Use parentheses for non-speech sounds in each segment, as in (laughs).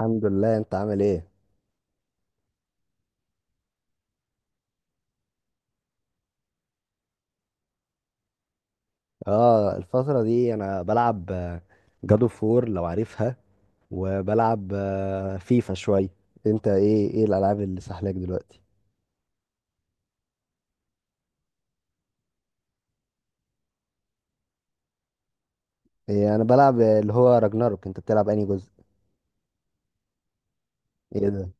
الحمد لله، انت عامل ايه؟ اه الفترة دي انا بلعب جادو فور لو عارفها، وبلعب فيفا شوي. انت ايه الالعاب اللي سحلاك دلوقتي؟ إيه، انا بلعب اللي هو راجناروك. انت بتلعب انهي جزء؟ ايه ده.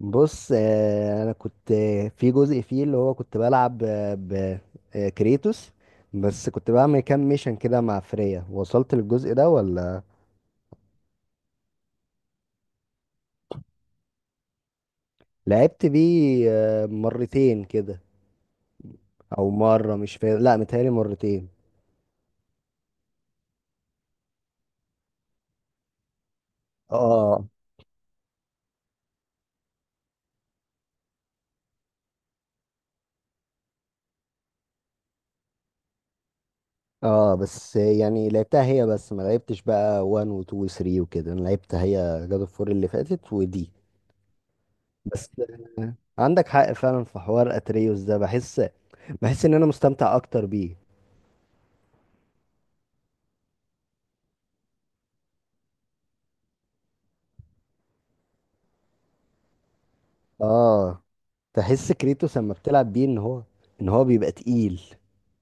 بص، انا كنت في جزء فيه اللي هو كنت بلعب آه، ب كريتوس، بس كنت بعمل كام ميشن كده مع فريا. وصلت للجزء ده ولا؟ لعبت بيه مرتين كده. او مره، مش فاكر، لا متهيألي مرتين. اه. اه بس يعني لعبتها هي بس، ما لعبتش بقى 1 و 2 و 3 وكده، انا لعبتها هي، جاد اوف 4 اللي فاتت ودي. بس. عندك حق فعلا، في حوار اتريوس ده بحس، بحس ان انا مستمتع اكتر بيه. اه. تحس كريتوس لما بتلعب بيه ان هو، ان هو بيبقى تقيل،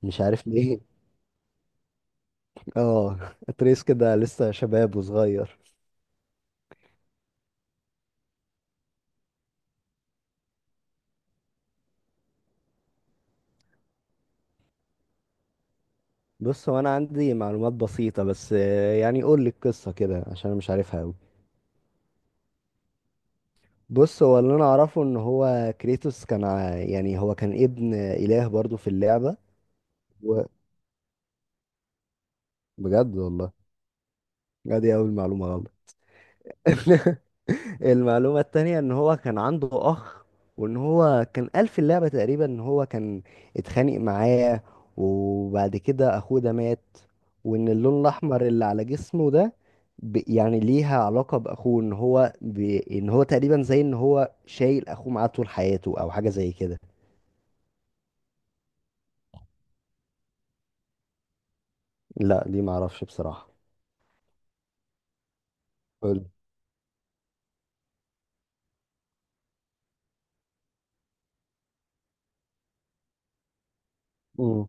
مش عارف ليه. اه. اتريوس كده لسه شباب وصغير. بص، هو انا عندي معلومات بسيطة بس، يعني قول لي القصة كده عشان انا مش عارفها قوي. بص، هو اللي انا اعرفه ان هو كريتوس كان يعني هو كان ابن اله برضو في اللعبة. و... بجد والله؟ ادي اول معلومة غلط. (laughs) المعلومة التانية ان هو كان عنده اخ، وان هو كان قال في اللعبة تقريبا ان هو كان اتخانق معاه، وبعد كده اخوه ده مات، وان اللون الاحمر اللي على جسمه ده يعني ليها علاقة باخوه، ان هو ان هو تقريبا زي ان هو شايل اخوه معاه طول حياته او حاجة زي كده. لا دي ما اعرفش بصراحة. حلو. امم.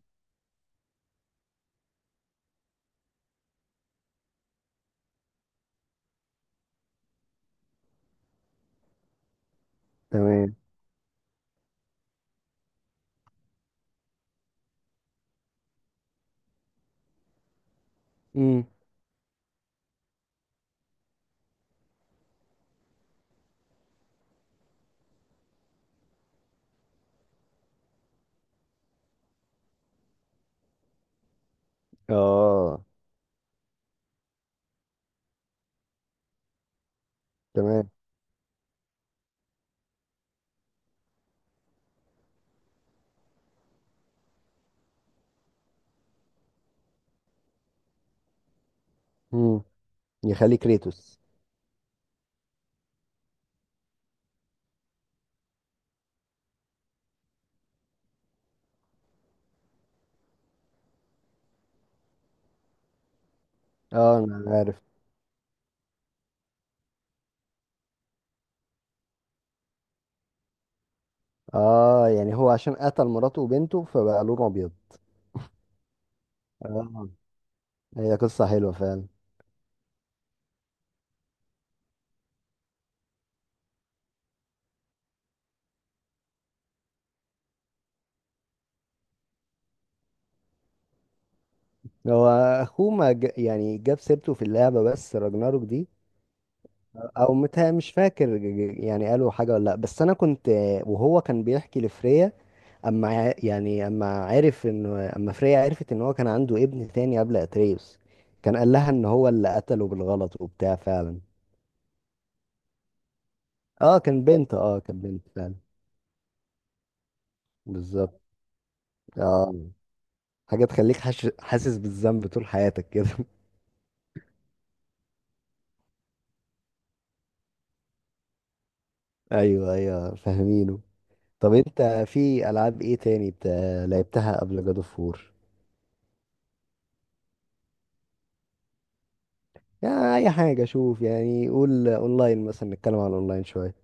تمام. امم. اه. تمام. امم. يخلي كريتوس. اه انا عارف. اه، يعني هو عشان قتل مراته وبنته فبقى لونه ابيض. اه. هي قصة حلوة فعلا. هو أخوه ما ج... يعني جاب سيرته في اللعبة بس راجناروك دي؟ أو متها مش فاكر. يعني قالوا حاجة ولا لأ؟ بس أنا كنت، وهو كان بيحكي لفريا، اما يعني اما عرف، ان اما فريا عرفت ان هو كان عنده ابن تاني قبل اتريوس، كان قال لها ان هو اللي قتله بالغلط وبتاع فعلا. اه كان بنت، اه كان بنت فعلا. بالظبط. اه. حاجة تخليك حاسس بالذنب طول حياتك كده. (laughs) ايوه فاهمينه. طب انت في العاب ايه تاني لعبتها قبل جاد اوف وور؟ يعني اي حاجة، شوف، يعني قول اونلاين مثلا، نتكلم عن اونلاين شوية.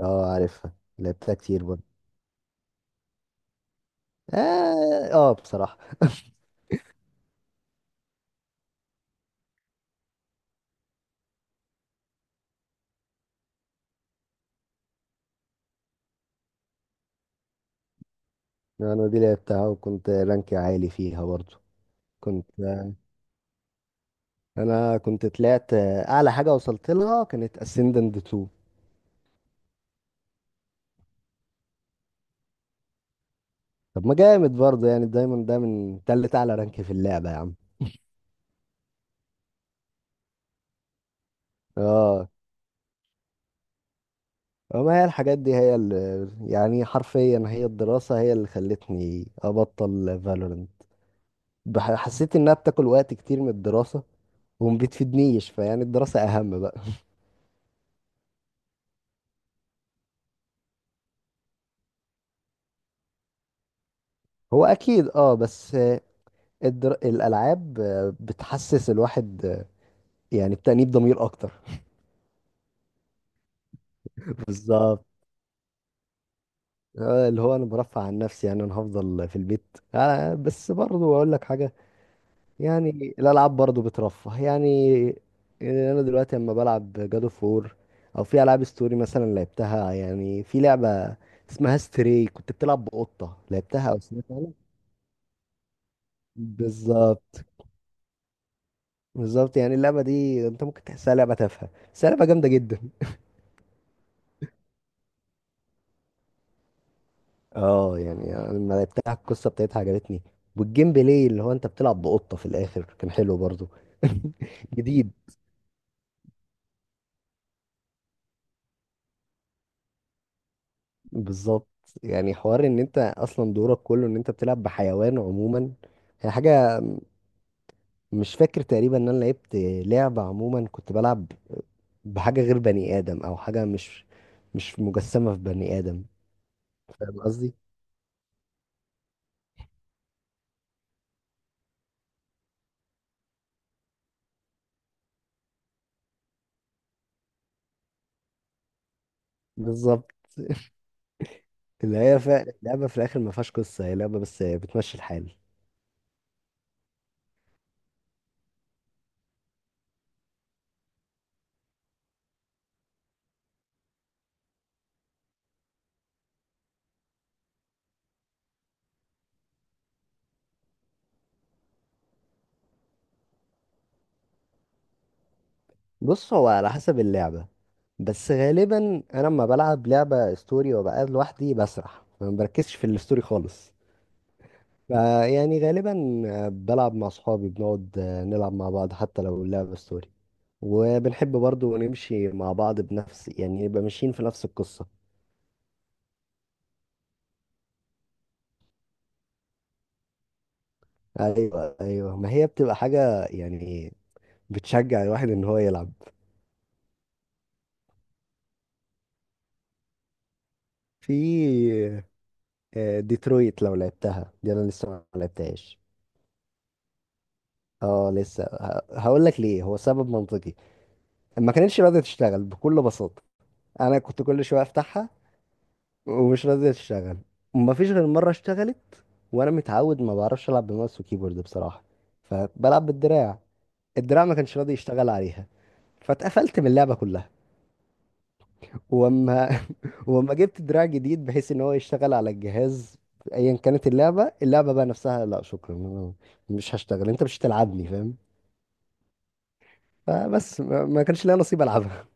اه عارفها، لعبتها كتير برضه. اه، بصراحة. انا دي لعبتها وكنت رانكي عالي فيها برضو. كنت انا كنت طلعت اعلى حاجه وصلت لها كانت اسندنت 2. طب ما جامد برضو يعني، الدايموند ده من تالت اعلى رانك في اللعبه يا عم. اه. وما هي الحاجات دي هي اللي يعني حرفيا، هي الدراسه هي اللي خلتني ابطل فالورنت، حسيت انها بتاكل وقت كتير من الدراسه، وما بتفيدنيش، فيعني الدراسه اهم بقى. هو اكيد اه، بس الالعاب بتحسس الواحد يعني، بتأنيب ضمير اكتر. بالظبط. اللي هو انا برفع عن نفسي يعني، انا هفضل في البيت، بس برضو اقول لك حاجه. يعني الالعاب برضو بترفه يعني. انا دلوقتي لما بلعب جاد اوف وور، او في العاب ستوري مثلا لعبتها، يعني في لعبه اسمها ستري، كنت بتلعب بقطه. لعبتها او سمعت عنها؟ بالظبط. بالظبط. يعني اللعبه دي انت ممكن تحسها لعبه تافهه، بس هي لعبه جامده جدا. اه يعني، أنا لما لعبتها القصه بتاعتها عجبتني، والجيم بلاي اللي هو انت بتلعب بقطه في الاخر كان حلو برضو. (laughs) جديد. بالظبط. يعني حوار ان انت اصلا دورك كله ان انت بتلعب بحيوان عموما. هي حاجه، مش فاكر تقريبا ان انا لعبت لعبه عموما كنت بلعب بحاجه غير بني ادم، او حاجه مش مجسمه في بني ادم. فاهم قصدي. بالظبط. اللي هي فعلا لعبه في الاخر ما فيهاش قصه، هي لعبه بس بتمشي الحال. بص، هو على حسب اللعبة، بس غالبا انا لما بلعب لعبة ستوري وبقى لوحدي بسرح، ما بركزش في الستوري خالص. فيعني غالبا بلعب مع اصحابي، بنقعد نلعب مع بعض حتى لو اللعبة ستوري، وبنحب برضو نمشي مع بعض بنفس يعني، نبقى ماشيين في نفس القصة. ايوه ما هي بتبقى حاجة يعني بتشجع الواحد ان هو يلعب. في ديترويت لو لعبتها، دي انا لسه ما لعبتهاش. اه لسه، هقول لك ليه، هو سبب منطقي. ما كانتش راضيه تشتغل بكل بساطه، انا كنت كل شويه افتحها ومش راضيه تشتغل، وما فيش غير مره اشتغلت، وانا متعود ما بعرفش العب بماوس وكيبورد بصراحه، فبلعب بالدراع. الدراع ما كانش راضي يشتغل عليها، فاتقفلت من اللعبه كلها. واما (laughs) واما جبت دراع جديد بحيث ان هو يشتغل على الجهاز ايا كانت اللعبه، اللعبه بقى نفسها لا شكرا أنا مش هشتغل، انت مش هتلعبني فاهم؟ فبس ما كانش ليا نصيب العبها.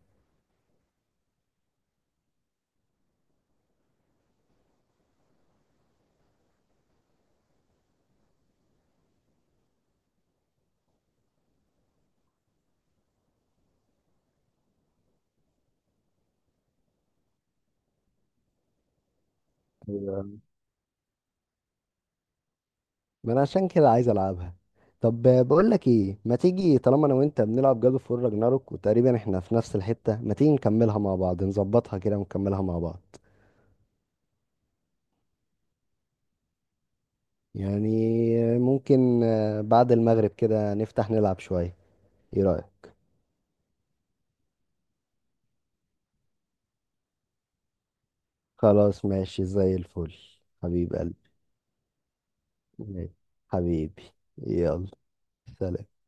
ما انا عشان كده عايز العبها. طب بقول لك ايه، ما تيجي طالما انا وانت بنلعب جاد اوف وور راجناروك، وتقريبا احنا في نفس الحتة، ما تيجي نكملها مع بعض، نظبطها كده ونكملها مع بعض. يعني ممكن بعد المغرب كده نفتح نلعب شوية. ايه رأيك؟ خلاص ماشي زي الفل. حبيب قلبي. ماشي. حبيبي. يلا. سلام.